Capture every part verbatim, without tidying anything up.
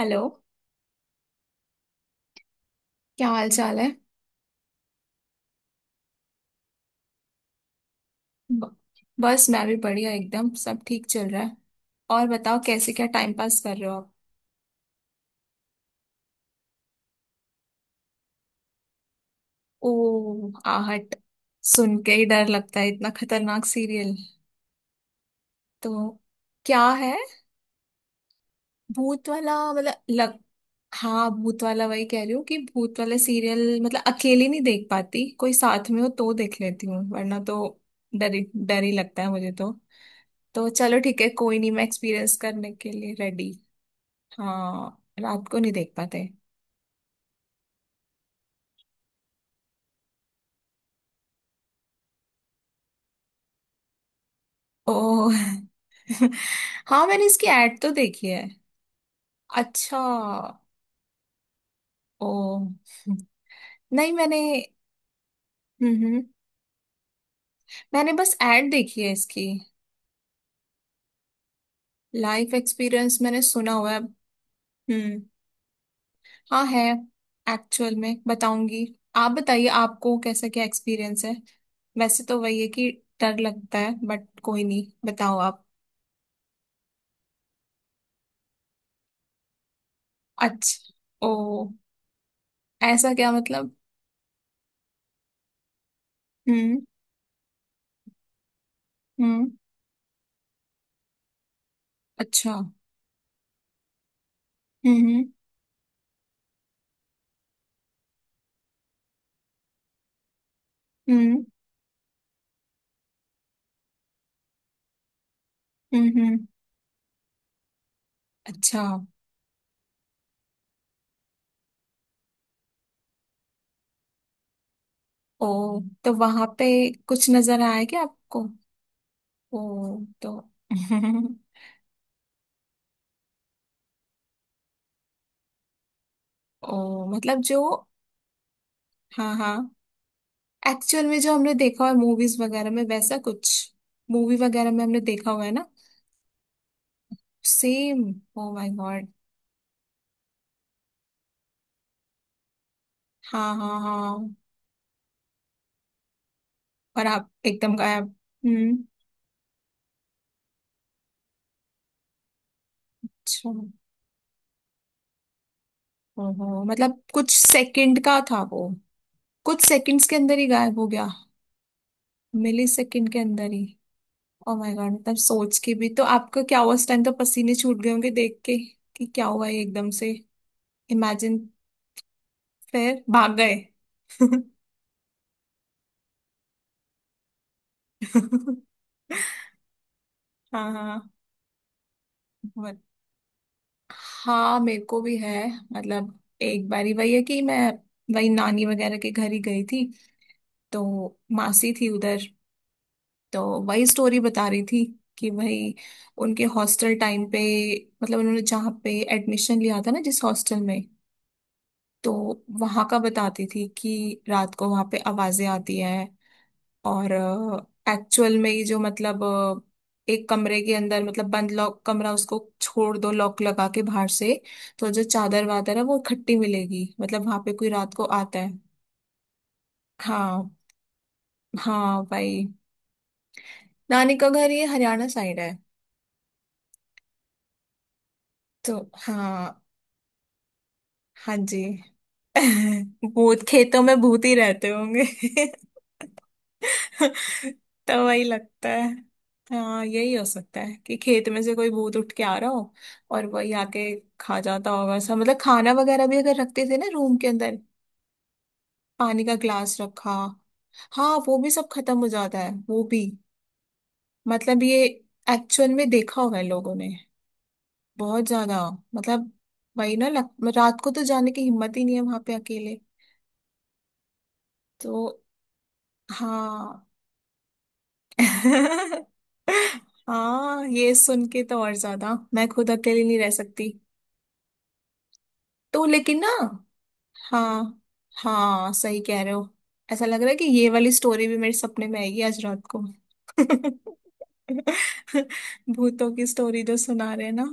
Hello. क्या हाल चाल है? ब- बस मैं भी बढ़िया, एकदम सब ठीक चल रहा है। और बताओ कैसे, क्या टाइम पास कर रहे हो आप? ओ आहट, सुन के ही डर लगता है, इतना खतरनाक सीरियल। तो क्या है? भूत वाला मतलब लग हाँ भूत वाला, वही कह रही हूँ कि भूत वाला सीरियल मतलब अकेली नहीं देख पाती, कोई साथ में हो तो देख लेती हूँ, वरना तो डर ही- डर ही लगता है मुझे तो। तो चलो ठीक है, कोई नहीं, मैं एक्सपीरियंस करने के लिए रेडी। हाँ रात को नहीं देख पाते। ओ। हाँ मैंने इसकी एड तो देखी है। अच्छा। ओ नहीं मैंने हम्म हम्म, मैंने बस एड देखी है इसकी। लाइफ एक्सपीरियंस मैंने सुना हुआ है। हम्म। हाँ है। एक्चुअल में बताऊंगी। आप बताइए, आपको कैसा क्या एक्सपीरियंस है? वैसे तो वही है कि डर लगता है, बट कोई नहीं, बताओ आप। अच्छा। ओ ऐसा क्या मतलब? हम्म। हम्म। अच्छा। हम्म। हम्म। हम्म। हम्म। अच्छा। ओ तो वहां पे कुछ नजर आया क्या आपको? ओ तो ओ मतलब जो हाँ हाँ, एक्चुअल में जो हमने देखा है मूवीज वगैरह में, वैसा कुछ? मूवी वगैरह में हमने देखा हुआ है ना, सेम। Oh my god. हाँ हाँ हाँ। और आप एकदम गायब। हम्म। अच्छा, ओहो मतलब कुछ सेकंड का था वो? कुछ सेकंड्स के अंदर ही गायब हो गया? मिली सेकंड के अंदर ही। ओ माय गॉड, मतलब सोच के भी तो आपका क्या हुआ उस टाइम, तो पसीने छूट गए होंगे देख के, कि क्या हुआ ये एकदम से। इमेजिन। फिर भाग गए। हाँ हाँ। बट- हाँ मेरे को भी है। मतलब एक बारी वही है कि मैं वही नानी वगैरह के घर ही गई थी। तो मासी थी उधर। तो वही स्टोरी बता रही थी कि भाई उनके हॉस्टल टाइम पे, मतलब उन्होंने जहाँ पे एडमिशन लिया था ना, जिस हॉस्टल में, तो वहां का बताती थी कि रात को वहां पे आवाजें आती हैं। और एक्चुअल में ही जो मतलब अ, एक कमरे के अंदर, मतलब बंद लॉक कमरा, उसको छोड़ दो लॉक लगा के बाहर से, तो जो चादर वादर है वो इकट्ठी मिलेगी, मतलब वहां पे कोई रात को आता है। हाँ हाँ भाई। नानी का घर ये हरियाणा साइड है। तो हाँ। हाँ जी। भूत खेतों में, भूत ही रहते होंगे। तो वही लगता है। हाँ यही हो सकता है कि खेत में से कोई भूत उठ के आ रहा हो, और वही आके खा जाता होगा सब, मतलब खाना वगैरह भी अगर रखते थे ना रूम के अंदर, पानी का ग्लास रखा। हाँ वो भी सब खत्म हो जाता है, वो भी। मतलब ये एक्चुअल में देखा हुआ है लोगों ने। बहुत ज्यादा। मतलब वही ना लग, रात को तो जाने की हिम्मत ही नहीं है वहां पे अकेले। तो हाँ। हाँ ये सुन के तो और ज्यादा, मैं खुद अकेली नहीं रह सकती। तो लेकिन ना। हाँ हाँ सही कह रहे हो। ऐसा लग रहा है कि ये वाली स्टोरी भी मेरे सपने में आएगी आज रात को। भूतों की स्टोरी जो सुना रहे हैं ना।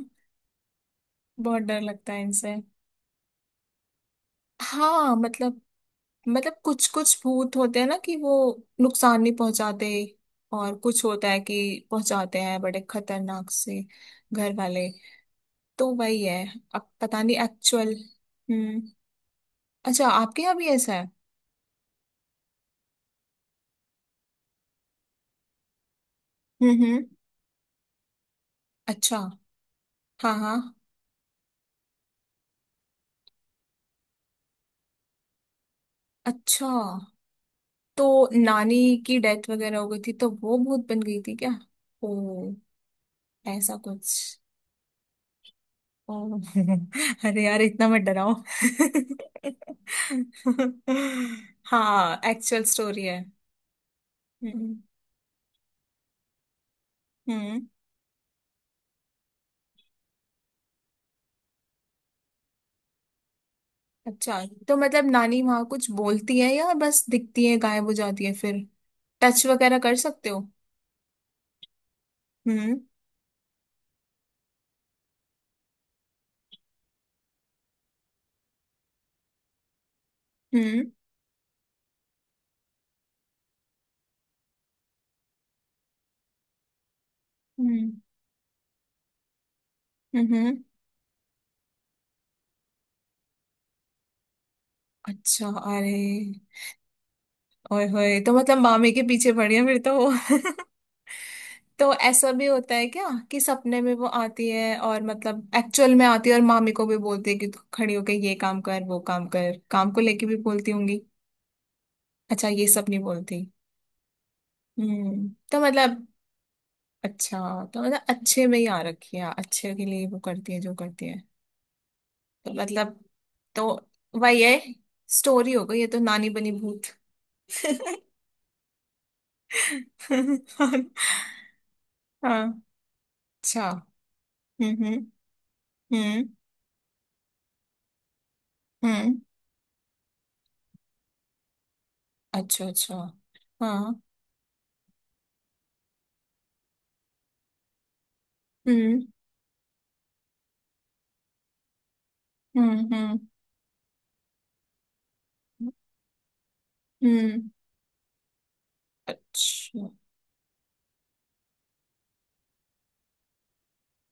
बहुत डर लगता है इनसे। हाँ मतलब, मतलब कुछ कुछ भूत होते हैं ना कि वो नुकसान नहीं पहुंचाते, और कुछ होता है कि पहुंचाते हैं बड़े खतरनाक से। घर वाले। तो वही है, अब पता नहीं एक्चुअल। हम्म। अच्छा आपके यहाँ भी ऐसा है? हम्म हम्म। अच्छा। हाँ हाँ। अच्छा तो नानी की डेथ वगैरह हो गई थी तो वो भूत बन गई थी क्या? ओ ऐसा कुछ। ओ अरे यार इतना मत डराओ। हाँ एक्चुअल स्टोरी है। हम्म। हम्म। अच्छा तो मतलब नानी वहां कुछ बोलती है या बस दिखती है, गायब हो जाती है फिर? टच वगैरह कर सकते हो? हम्म। हम्म। हम्म। हम्म। अच्छा अरे, ओए होए तो मतलब मामे के पीछे पड़ी है फिर तो वो। तो ऐसा भी होता है क्या कि सपने में वो आती है, और मतलब एक्चुअल में आती है और मामी को भी बोलती है कि तू खड़ी होके ये काम कर वो काम कर, काम को लेके भी बोलती होंगी? अच्छा ये सब नहीं बोलती। हम्म तो मतलब अच्छा, तो मतलब अच्छे में ही आ रखी है, अच्छे के लिए वो करती है जो करती है। तो मतलब, तो वही है। स्टोरी हो गई ये, तो नानी बनी भूत। हाँ। हाँ, अच्छा। हम्म। हम्म। हम्म। हम्म, अच्छा अच्छा। हाँ। हम्म। हम्म। हम्म। हम्म, अच्छा।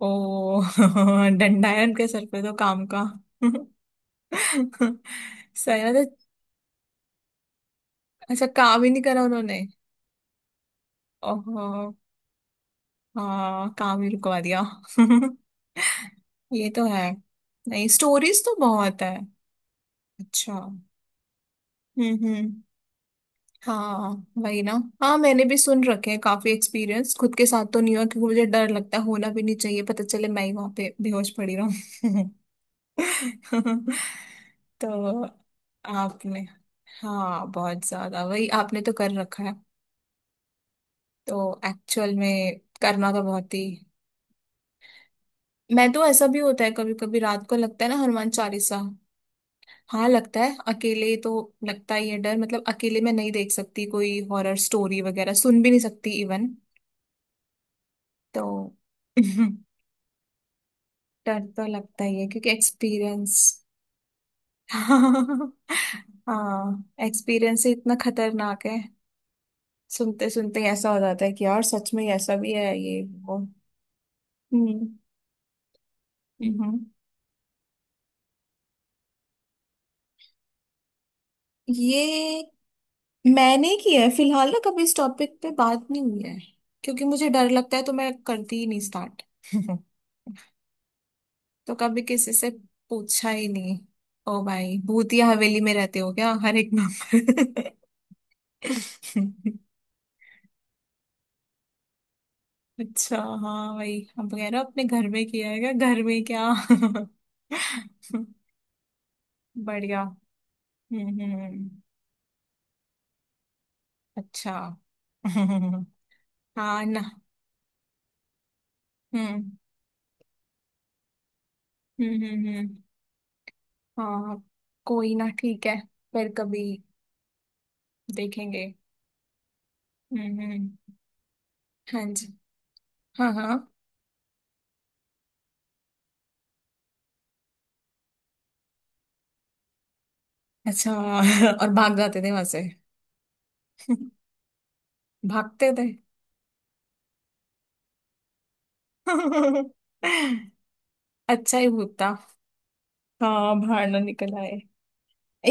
ओ डंडा है उनके सर पे तो, काम का। सही है। तो- अच्छा काम ही नहीं करा उन्होंने। ओहो। हाँ काम ही रुकवा दिया। ये तो है। नहीं स्टोरीज तो बहुत है। अच्छा। हम्म। हम्म। हाँ वही ना। हाँ मैंने भी सुन रखे हैं काफी एक्सपीरियंस, खुद के साथ तो नहीं हुआ क्योंकि मुझे डर लगता है, होना भी नहीं चाहिए, पता चले मैं ही वहां पे बेहोश पड़ी रहूं। तो आपने, हाँ बहुत ज्यादा वही आपने तो कर रखा है। तो एक्चुअल में करना तो बहुत ही। मैं तो, ऐसा भी होता है कभी कभी रात को लगता है ना, हनुमान चालीसा। हाँ लगता है अकेले तो, लगता ही है डर, मतलब अकेले मैं नहीं देख सकती कोई हॉरर स्टोरी, वगैरह सुन भी नहीं सकती इवन। तो डर तो लगता ही है क्योंकि एक्सपीरियंस। हाँ एक्सपीरियंस ही इतना खतरनाक है। सुनते सुनते ही ऐसा हो जाता है कि यार सच में ऐसा भी है ये वो। हम्म। हम्म। ये मैंने किया है, फिलहाल ना कभी इस टॉपिक पे बात नहीं हुई है क्योंकि मुझे डर लगता है तो मैं करती ही नहीं स्टार्ट। तो कभी किसी से पूछा ही नहीं। ओ भाई भूतिया हवेली में रहते हो क्या, हर एक नंबर। अच्छा। हाँ वही, अब कह रहा अपने घर में किया है, क्या घर में क्या। बढ़िया। हम्म हम्म। अच्छा। हाँ। ना। हम्म। हम्म। हम्म। हम्म, हाँ। कोई ना ठीक है, फिर कभी देखेंगे। हम्म हम्म। हाँ जी। हाँ हाँ। अच्छा। और भाग जाते थे वहां से। भागते थे। अच्छा ही भूत था। हाँ बाहर ना निकल आए।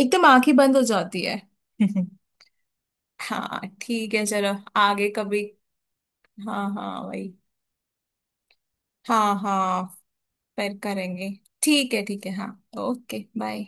एकदम आंखें बंद हो जाती है। हाँ ठीक है चलो। आगे कभी। हाँ हाँ वही। हाँ हाँ। फिर करेंगे। ठीक है ठीक है हाँ। Okay bye.